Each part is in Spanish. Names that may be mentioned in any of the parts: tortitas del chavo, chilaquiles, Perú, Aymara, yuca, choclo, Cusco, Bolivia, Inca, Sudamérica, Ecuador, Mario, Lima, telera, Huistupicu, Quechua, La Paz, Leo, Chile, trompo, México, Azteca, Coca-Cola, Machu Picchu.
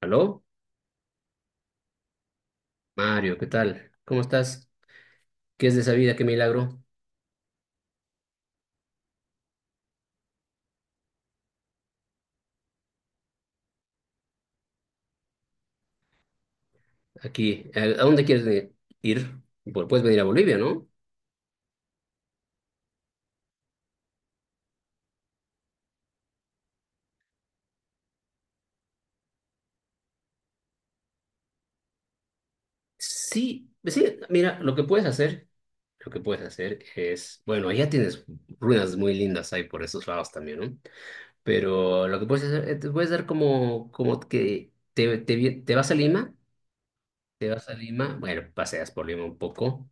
Aló, Mario, ¿qué tal? ¿Cómo estás? ¿Qué es de esa vida? ¿Qué milagro? Aquí, ¿a dónde quieres venir? Ir? Puedes venir a Bolivia, ¿no? Sí, pues sí, mira, lo que puedes hacer es, bueno, allá tienes ruinas muy lindas ahí por esos lados también, ¿no? Pero lo que puedes hacer, te puedes dar como, como que te vas a Lima, bueno, paseas por Lima un poco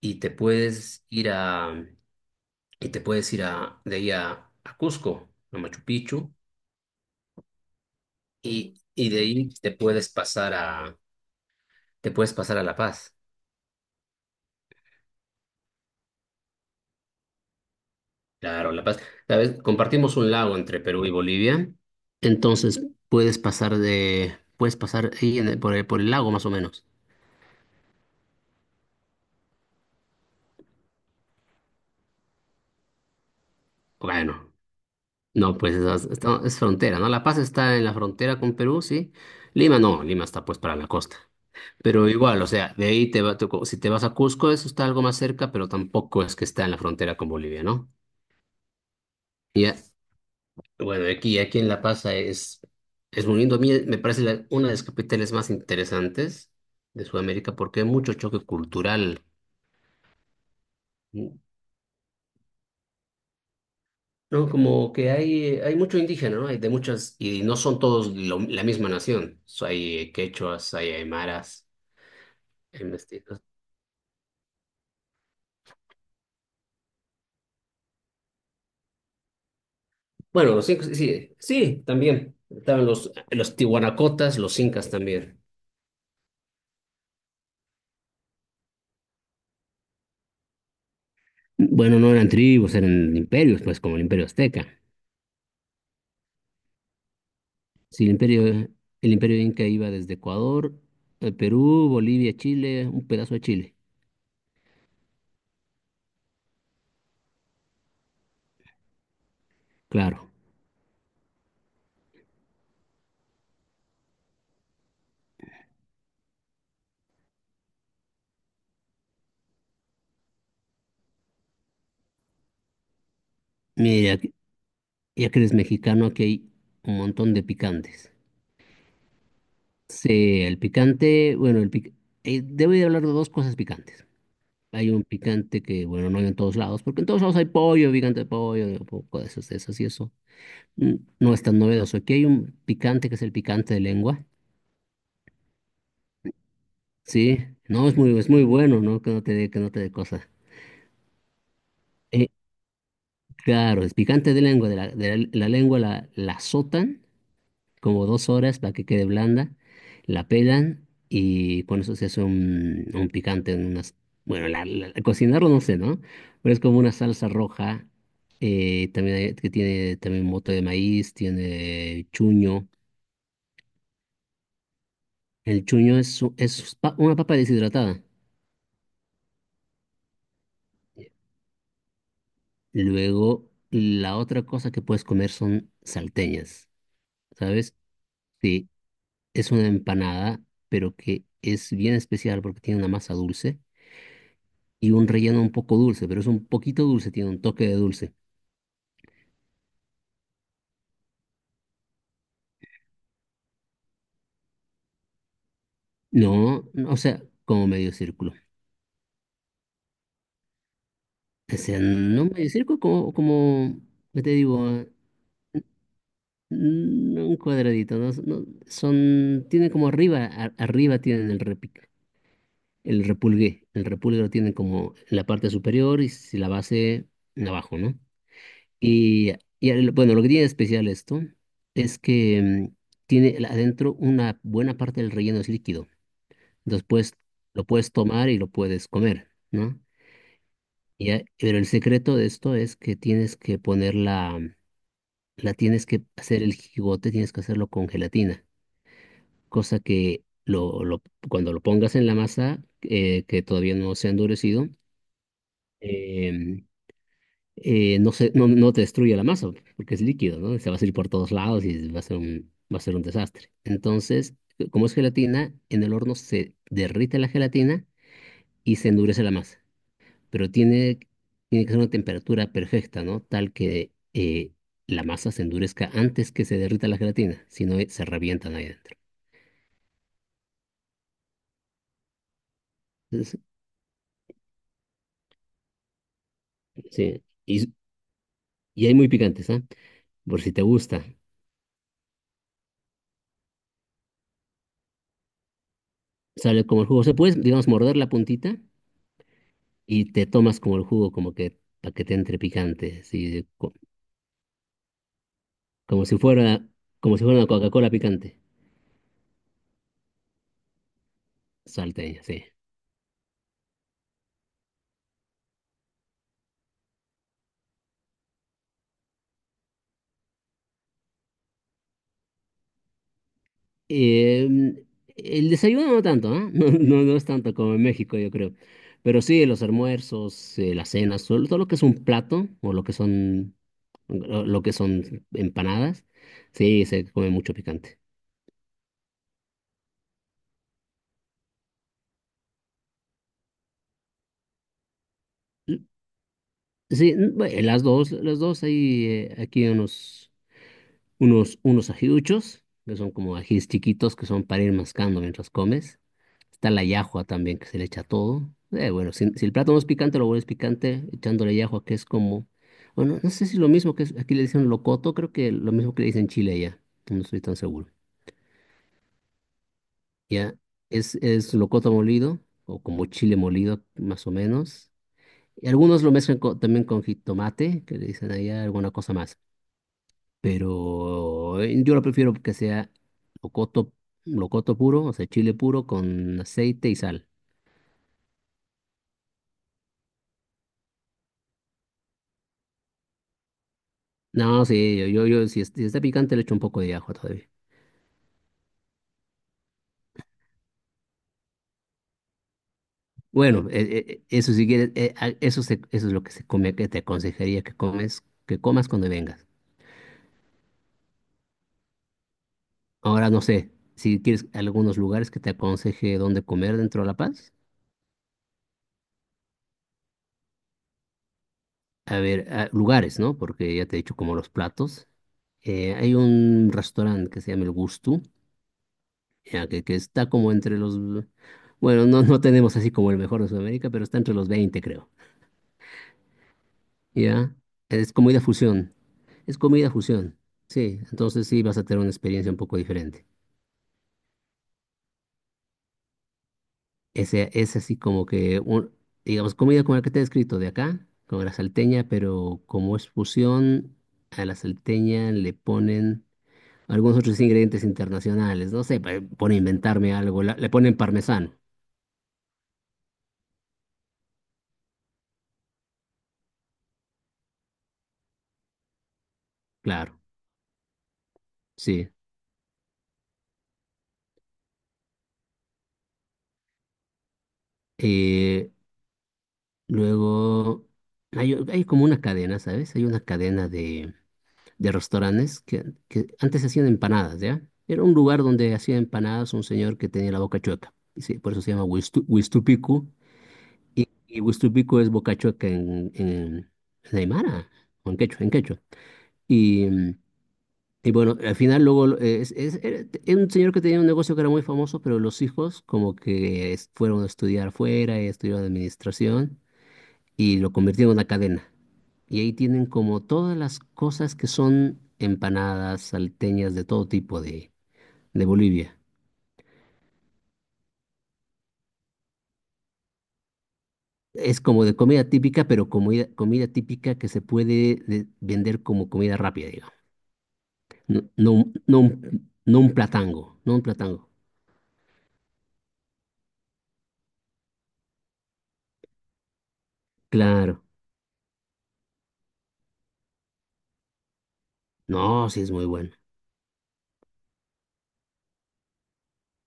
y te puedes ir a, y te puedes ir a, de ahí a Cusco, a Machu Picchu. Y de ahí te puedes pasar a La Paz. Claro, La Paz. ¿Sabes? Compartimos un lago entre Perú y Bolivia. Entonces puedes pasar de, puedes pasar ahí por por el lago más o menos. Bueno, no, pues es, es frontera, ¿no? La Paz está en la frontera con Perú, sí. Lima no, Lima está pues para la costa. Pero igual, o sea, de ahí te va, si te vas a Cusco, eso está algo más cerca, pero tampoco es que está en la frontera con Bolivia, ¿no? Ya. Bueno, aquí en La Paz es muy lindo. A mí me parece una de las capitales más interesantes de Sudamérica porque hay mucho choque cultural. No, como que hay mucho indígena, ¿no? Hay de muchas, y no son todos la misma nación. So, hay quechuas, hay aymaras, hay mestizos. Bueno, los incas, sí, sí, también. Estaban los tihuanacotas, los incas también. Bueno, no eran tribus, eran imperios, pues como el imperio azteca. Sí, el imperio Inca iba desde Ecuador, Perú, Bolivia, Chile, un pedazo de Chile. Claro. Mira, ya que eres mexicano, aquí hay un montón de picantes. Sí, el picante, bueno, debo de hablar de dos cosas picantes. Hay un picante que, bueno, no hay en todos lados, porque en todos lados hay pollo, picante de pollo, un poco de esas y eso. No es tan novedoso. Aquí hay un picante que es el picante de lengua. Sí, no, es muy bueno, ¿no? Que no te dé cosa. Eh, Claro, es picante de lengua, la lengua la azotan como 2 horas para que quede blanda, la pelan y con eso se hace un picante, en unas, bueno, cocinarlo no sé, ¿no? Pero es como una salsa roja, también que tiene también mote de maíz, tiene chuño. El chuño es, una papa deshidratada. Luego, la otra cosa que puedes comer son salteñas, ¿sabes? Sí, es una empanada, pero que es bien especial porque tiene una masa dulce y un relleno un poco dulce, pero es un poquito dulce, tiene un toque de dulce. No, no, o sea, como medio círculo. O sea, no medio círculo, como, ¿qué te digo? Ah, un cuadradito, ¿no? No, son, tiene como arriba, arriba tienen el repic, el repulgué. El repulgue lo tienen como en la parte superior y si la base abajo, ¿no? Y, y, bueno, lo que tiene de especial esto es que tiene adentro una buena parte del relleno es líquido. Después lo puedes tomar y lo puedes comer, ¿no? Pero el secreto de esto es que tienes que ponerla, la tienes que hacer el jigote, tienes que hacerlo con gelatina, cosa que cuando lo pongas en la masa, que todavía no se ha endurecido, em, no, no te destruye la masa, porque es líquido, ¿no? Se va a salir por todos lados y va a ser un desastre. Entonces, como es gelatina, en el horno se derrite la gelatina y se endurece la masa. Pero tiene que ser una temperatura perfecta, ¿no? Tal que la masa se endurezca antes que se derrita la gelatina, si no se revientan ahí adentro. Entonces, sí, y hay muy picantes, ¿ah? Por si te gusta. Sale como el jugo. Se puede, digamos, morder la puntita y te tomas como el jugo, como que para que te entre picante, sí, co- como si fuera, como si fuera una Coca-Cola picante, salteña, sí. Em, el desayuno no tanto, ¿ah? No, no, no es tanto como en México, yo creo. Pero sí, los almuerzos, las cenas, todo, todo lo que es un plato o lo que son, lo que son empanadas, sí, se come mucho picante. Sí, bueno, las dos hay aquí unos, unos ajiduchos, que son como ajíes chiquitos que son para ir mascando mientras comes. Está la llajua también, que se le echa todo. Bueno, si el plato no es picante, lo vuelves picante echándole llajua, que es como, bueno, no sé si lo mismo aquí le dicen locoto, creo que lo mismo que le dicen chile ya, no estoy tan seguro. Ya, es locoto molido, o como chile molido, más o menos. Y algunos lo mezclan también con jitomate, que le dicen allá alguna cosa más. Pero yo lo prefiero que sea locoto, locoto puro, o sea, chile puro con aceite y sal. No, sí, yo si, si está picante le echo un poco de ajo todavía. Bueno, eso si quieres, eso, eso es lo que se come, que te aconsejaría que comas cuando vengas. Ahora no sé, si quieres algunos lugares que te aconseje dónde comer dentro de La Paz. A ver, ah, lugares, ¿no? Porque ya te he dicho como los platos. Hay un restaurante que se llama El Gusto ya, que está como entre los... Bueno, no, no tenemos así como el mejor de Sudamérica, pero está entre los 20 creo. Ya, es comida fusión. Es comida fusión. Sí, entonces sí vas a tener una experiencia un poco diferente. Ese, es así como que, digamos, comida como la que te he descrito de acá, como la salteña, pero como es fusión, a la salteña le ponen algunos otros ingredientes internacionales. No sé, por inventarme algo, le ponen parmesano, claro, sí. Eh, luego, hay como una cadena, ¿sabes? Hay una cadena de restaurantes que antes hacían empanadas, ¿ya? Era un lugar donde hacía empanadas un señor que tenía la boca chueca. Y sí, por eso se llama Huistupicu. Y Huistupicu es boca chueca en Aymara, o en quechua, en quechua. Y, mm, y, bueno, al final luego era un señor que tenía un negocio que era muy famoso, pero los hijos como que fueron a estudiar fuera y estudiaron administración y lo convirtieron en una cadena. Y ahí tienen como todas las cosas que son empanadas, salteñas de todo tipo de Bolivia. Es como de comida típica, pero comida típica que se puede vender como comida rápida, digamos. No, no, no, no un platango, no un platango. Claro. No, sí es muy bueno.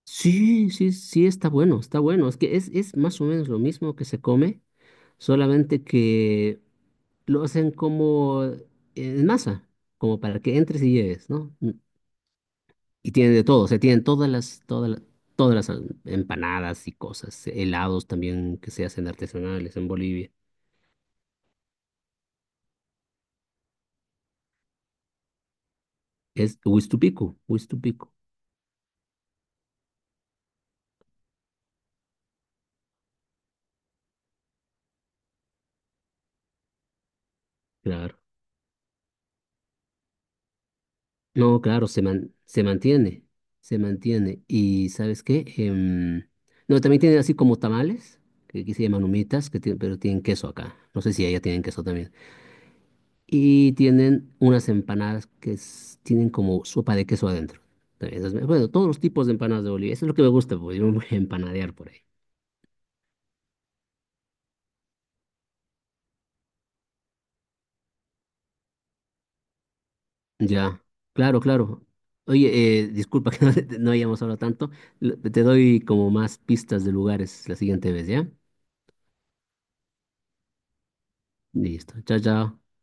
Sí, sí, sí está bueno, está bueno. Es que es más o menos lo mismo que se come, solamente que lo hacen como en masa, como para que entres y lleves, ¿no? Y tienen de todo, o sea, tienen todas las empanadas y cosas, helados también que se hacen artesanales en Bolivia. Es Huistupico, Huistupico, claro. No, claro, se mantiene. ¿Y sabes qué? No, también tienen así como tamales, que aquí se llaman humitas, que pero tienen queso acá. No sé si allá tienen queso también. Y tienen unas empanadas tienen como sopa de queso adentro. También esas bueno, todos los tipos de empanadas de Bolivia. Eso es lo que me gusta, porque yo me voy a empanadear por ahí. Ya, claro, claro. Oye, disculpa que no hayamos hablado tanto. Te doy como más pistas de lugares la siguiente vez, ¿ya? Listo. Chao, chao.